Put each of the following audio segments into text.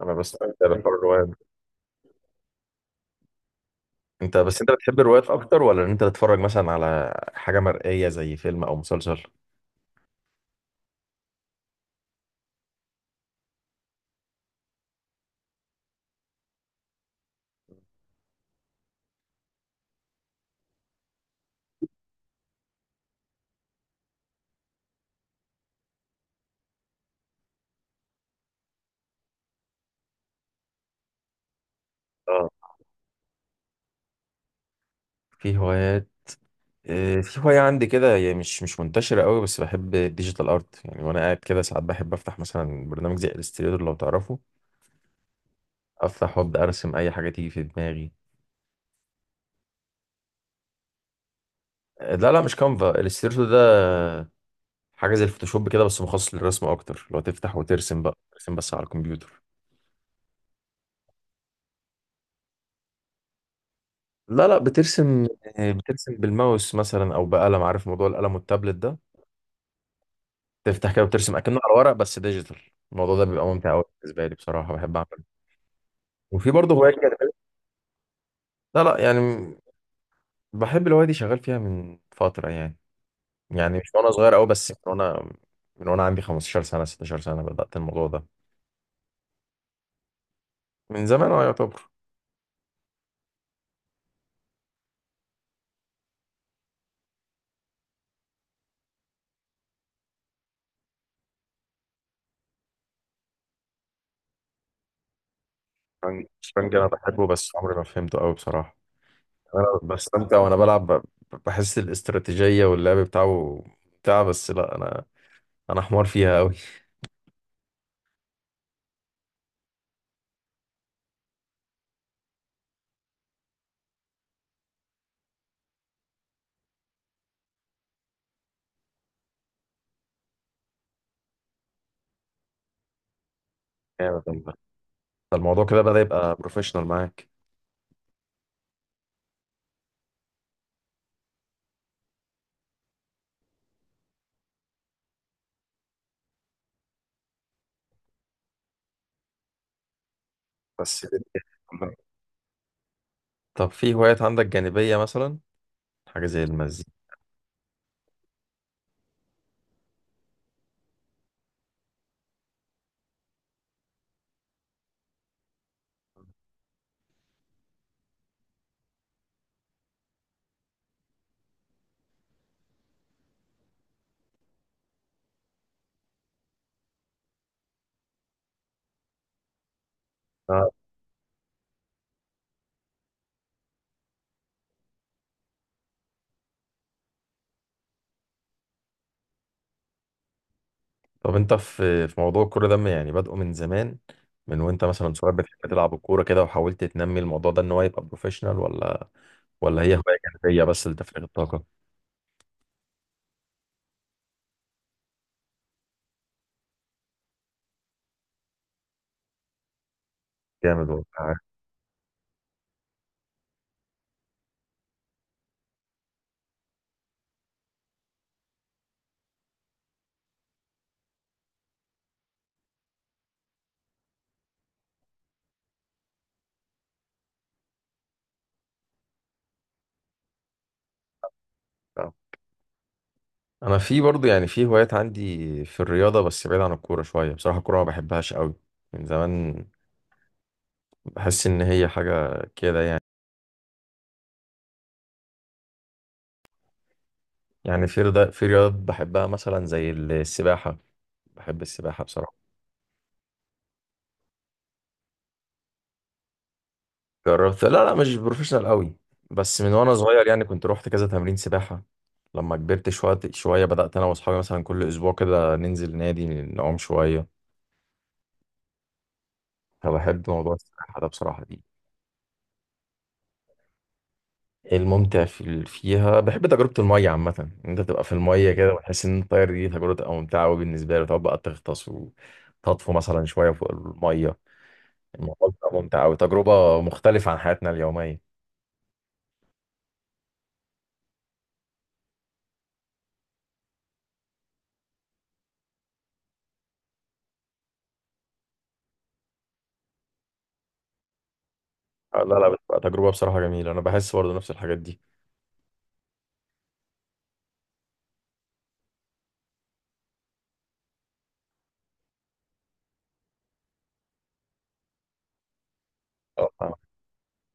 انا بستمتع بحوار الروايات. انت بتحب الروايات اكتر ولا ان انت تتفرج مثلا على حاجه مرئيه زي فيلم او مسلسل؟ اه، في هوايات. آه، في هوايه عندي كده، هي مش منتشره قوي، بس بحب الديجيتال ارت يعني. وانا قاعد كده ساعات بحب افتح مثلا برنامج زي الستريتور، لو تعرفه، افتح وابدا ارسم اي حاجه تيجي في دماغي. آه، لا لا، مش كانفا، الستريتور ده حاجه زي الفوتوشوب كده بس مخصص للرسم اكتر، لو تفتح وترسم بقى، ترسم بس على الكمبيوتر. لا لا، بترسم، بترسم بالماوس مثلا او بقلم، عارف موضوع القلم والتابلت ده، تفتح كده وترسم اكنه على ورق بس ديجيتال. الموضوع ده بيبقى ممتع قوي بالنسبه لي بصراحه، بحب اعمله. وفي برضه هوايه كده. لا لا يعني، بحب الهوايه دي، شغال فيها من فتره يعني، يعني مش وانا صغير قوي، بس من وانا عندي 15 سنه 16 سنه بدات الموضوع ده. من زمان، اه، يعتبر. الشطرنج الشطرنج انا بحبه، بس عمري ما فهمته قوي بصراحه. انا بستمتع وانا بلعب بحس الاستراتيجيه واللعب بتاعه، بس لا، انا حمار فيها قوي. جامد والله. ده الموضوع كده بدأ يبقى بروفيشنال معاك. بس جامد والله. طب في هوايات عندك جانبية مثلا، حاجة زي المزيكا؟ آه. طب انت في موضوع الكورة ده، يعني بادئه من زمان، من وانت مثلا صغير بتحب تلعب الكورة كده وحاولت تنمي الموضوع ده ان هو يبقى بروفيشنال، ولا هي هواية جانبية بس لتفريغ الطاقة؟ جامد والله، عارف. آه. انا في برضو يعني في هوايات عندي، في الرياضة، بس بعيد عن الكورة شوية. بصراحة الكورة ما بحبهاش قوي من زمان، بحس ان هي حاجة كده يعني. يعني في رياضات بحبها مثلا زي السباحة. بحب السباحة بصراحة. جربت، لا لا، مش بروفيشنال قوي، بس من وانا صغير يعني كنت روحت كذا تمرين سباحة. لما كبرت شوية شوية بدأت انا واصحابي مثلا كل اسبوع كده ننزل نادي نعوم شوية. فبحب موضوع السباحة ده بصراحة دي. الممتع فيها، بحب تجربة المية عامة، ان انت تبقى في المية كده وتحس ان انت طاير. دي تجربة تبقى ممتعة قوي بالنسبة لي، تقعد بقى تغطس وتطفو مثلا شوية فوق المية. الموضوع بيبقى ممتع أوي، تجربة مختلفة عن حياتنا اليومية. آه، لا لا، بتبقى تجربة بصراحة جميلة، أنا بحس برضه نفس الحاجات دي. آه، فاهمك.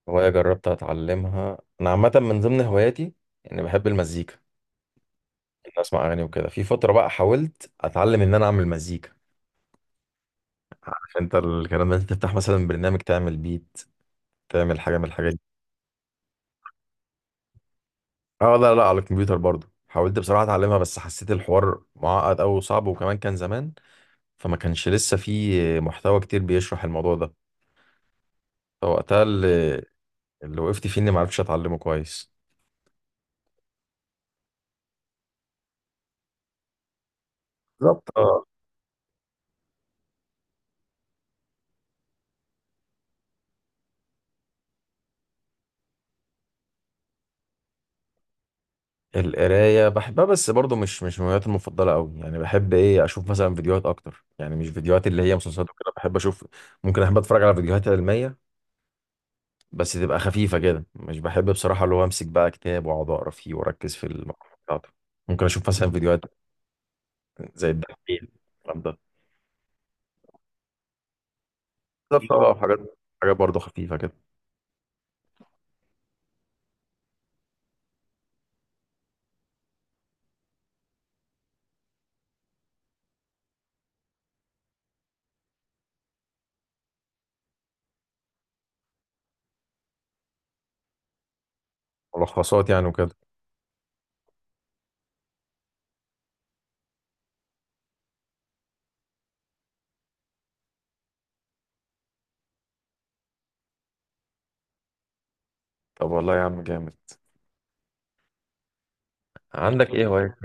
هواية جربت أتعلمها، أنا عامة من ضمن هواياتي إني بحب المزيكا، إن أسمع أغاني وكده. في فترة بقى حاولت أتعلم إن أنا أعمل مزيكا، عارف أنت الكلام ده، أنت تفتح مثلا برنامج تعمل بيت، تعمل حاجة من الحاجات دي. أه، لا لا، على الكمبيوتر برضه. حاولت بصراحة أتعلمها بس حسيت الحوار معقد أوي وصعب، وكمان كان زمان، فما كانش لسه في محتوى كتير بيشرح الموضوع ده. فوقتها اللي وقفت فيه اني ما عرفتش اتعلمه كويس. بالظبط، اه. القرايه بحبها، بس برضو مش من هواياتي المفضله قوي، يعني بحب ايه، اشوف مثلا فيديوهات اكتر، يعني مش فيديوهات اللي هي مسلسلات وكده. بحب اشوف، ممكن احب اتفرج على فيديوهات علميه بس تبقى خفيفه كده. مش بحب بصراحه اللي هو امسك بقى كتاب واقعد اقرا فيه واركز في المقال بتاعته. ممكن اشوف مثلا فيديوهات زي الدحيح، الكلام ده. بالظبط بقى، اه، وحاجات حاجات برضو خفيفه كده. ملخصات يعني وكده. طب والله يا عم جامد، عندك ايه هوايات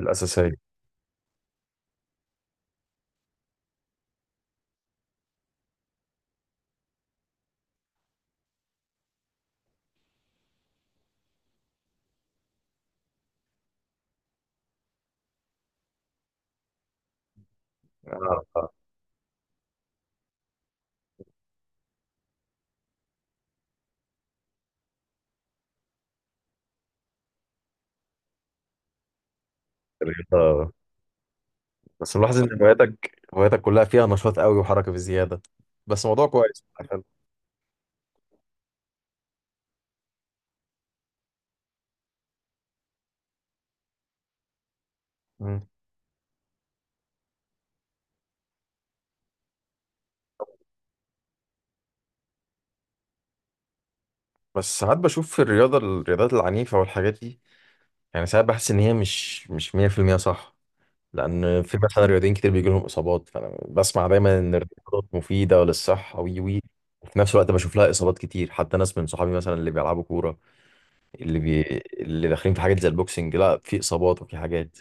الاساسيه؟ آه، آه. الرياضة. بس ملاحظ ان هواياتك كلها فيها نشاط قوي وحركه بزياده. بس موضوع كويس. حلو. مم. بس ساعات بشوف في الرياضات العنيفه والحاجات دي، يعني ساعات بحس ان هي مش 100% صح، لان في مثلا رياضيين كتير بيجي لهم اصابات، فانا بسمع دايما ان الرياضات مفيده للصحه، وي وي وفي نفس الوقت بشوف لها اصابات كتير، حتى ناس من صحابي مثلا اللي بيلعبوا كوره، اللي بي... اللي داخلين في حاجات زي البوكسنج، لا، في اصابات وفي حاجات.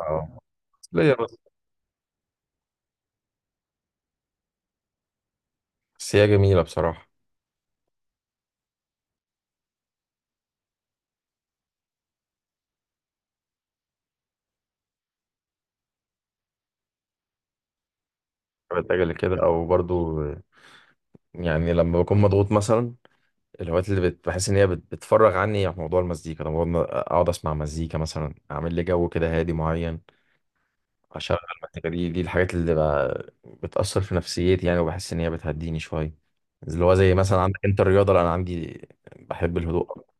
اه، ليا، بس هي جميله بصراحه. بتجري كده او برضو، يعني لما بكون مضغوط مثلا، الهوايات اللي بحس ان هي بتفرغ عني، عن موضوع المزيكا، لما اقعد اسمع مزيكا مثلا، اعمل لي جو كده هادي معين، اشغل المزيكا دي. دي الحاجات اللي بقى بتأثر في نفسيتي يعني، وبحس ان هي بتهديني شوية. اللي هو زي مثلا عندك انت الرياضة، لأ، انا عندي بحب الهدوء أكتر.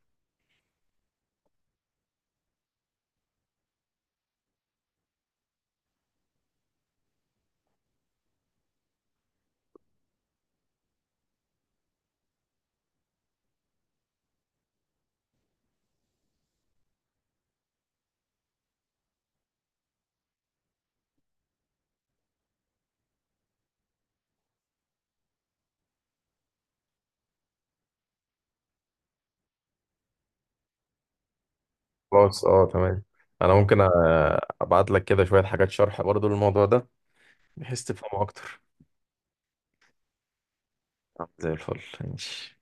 خلاص، اه، تمام. انا ممكن ابعت لك كده شوية حاجات شرح برضو للموضوع ده، بحيث تفهمه اكتر. زي الفل، ماشي.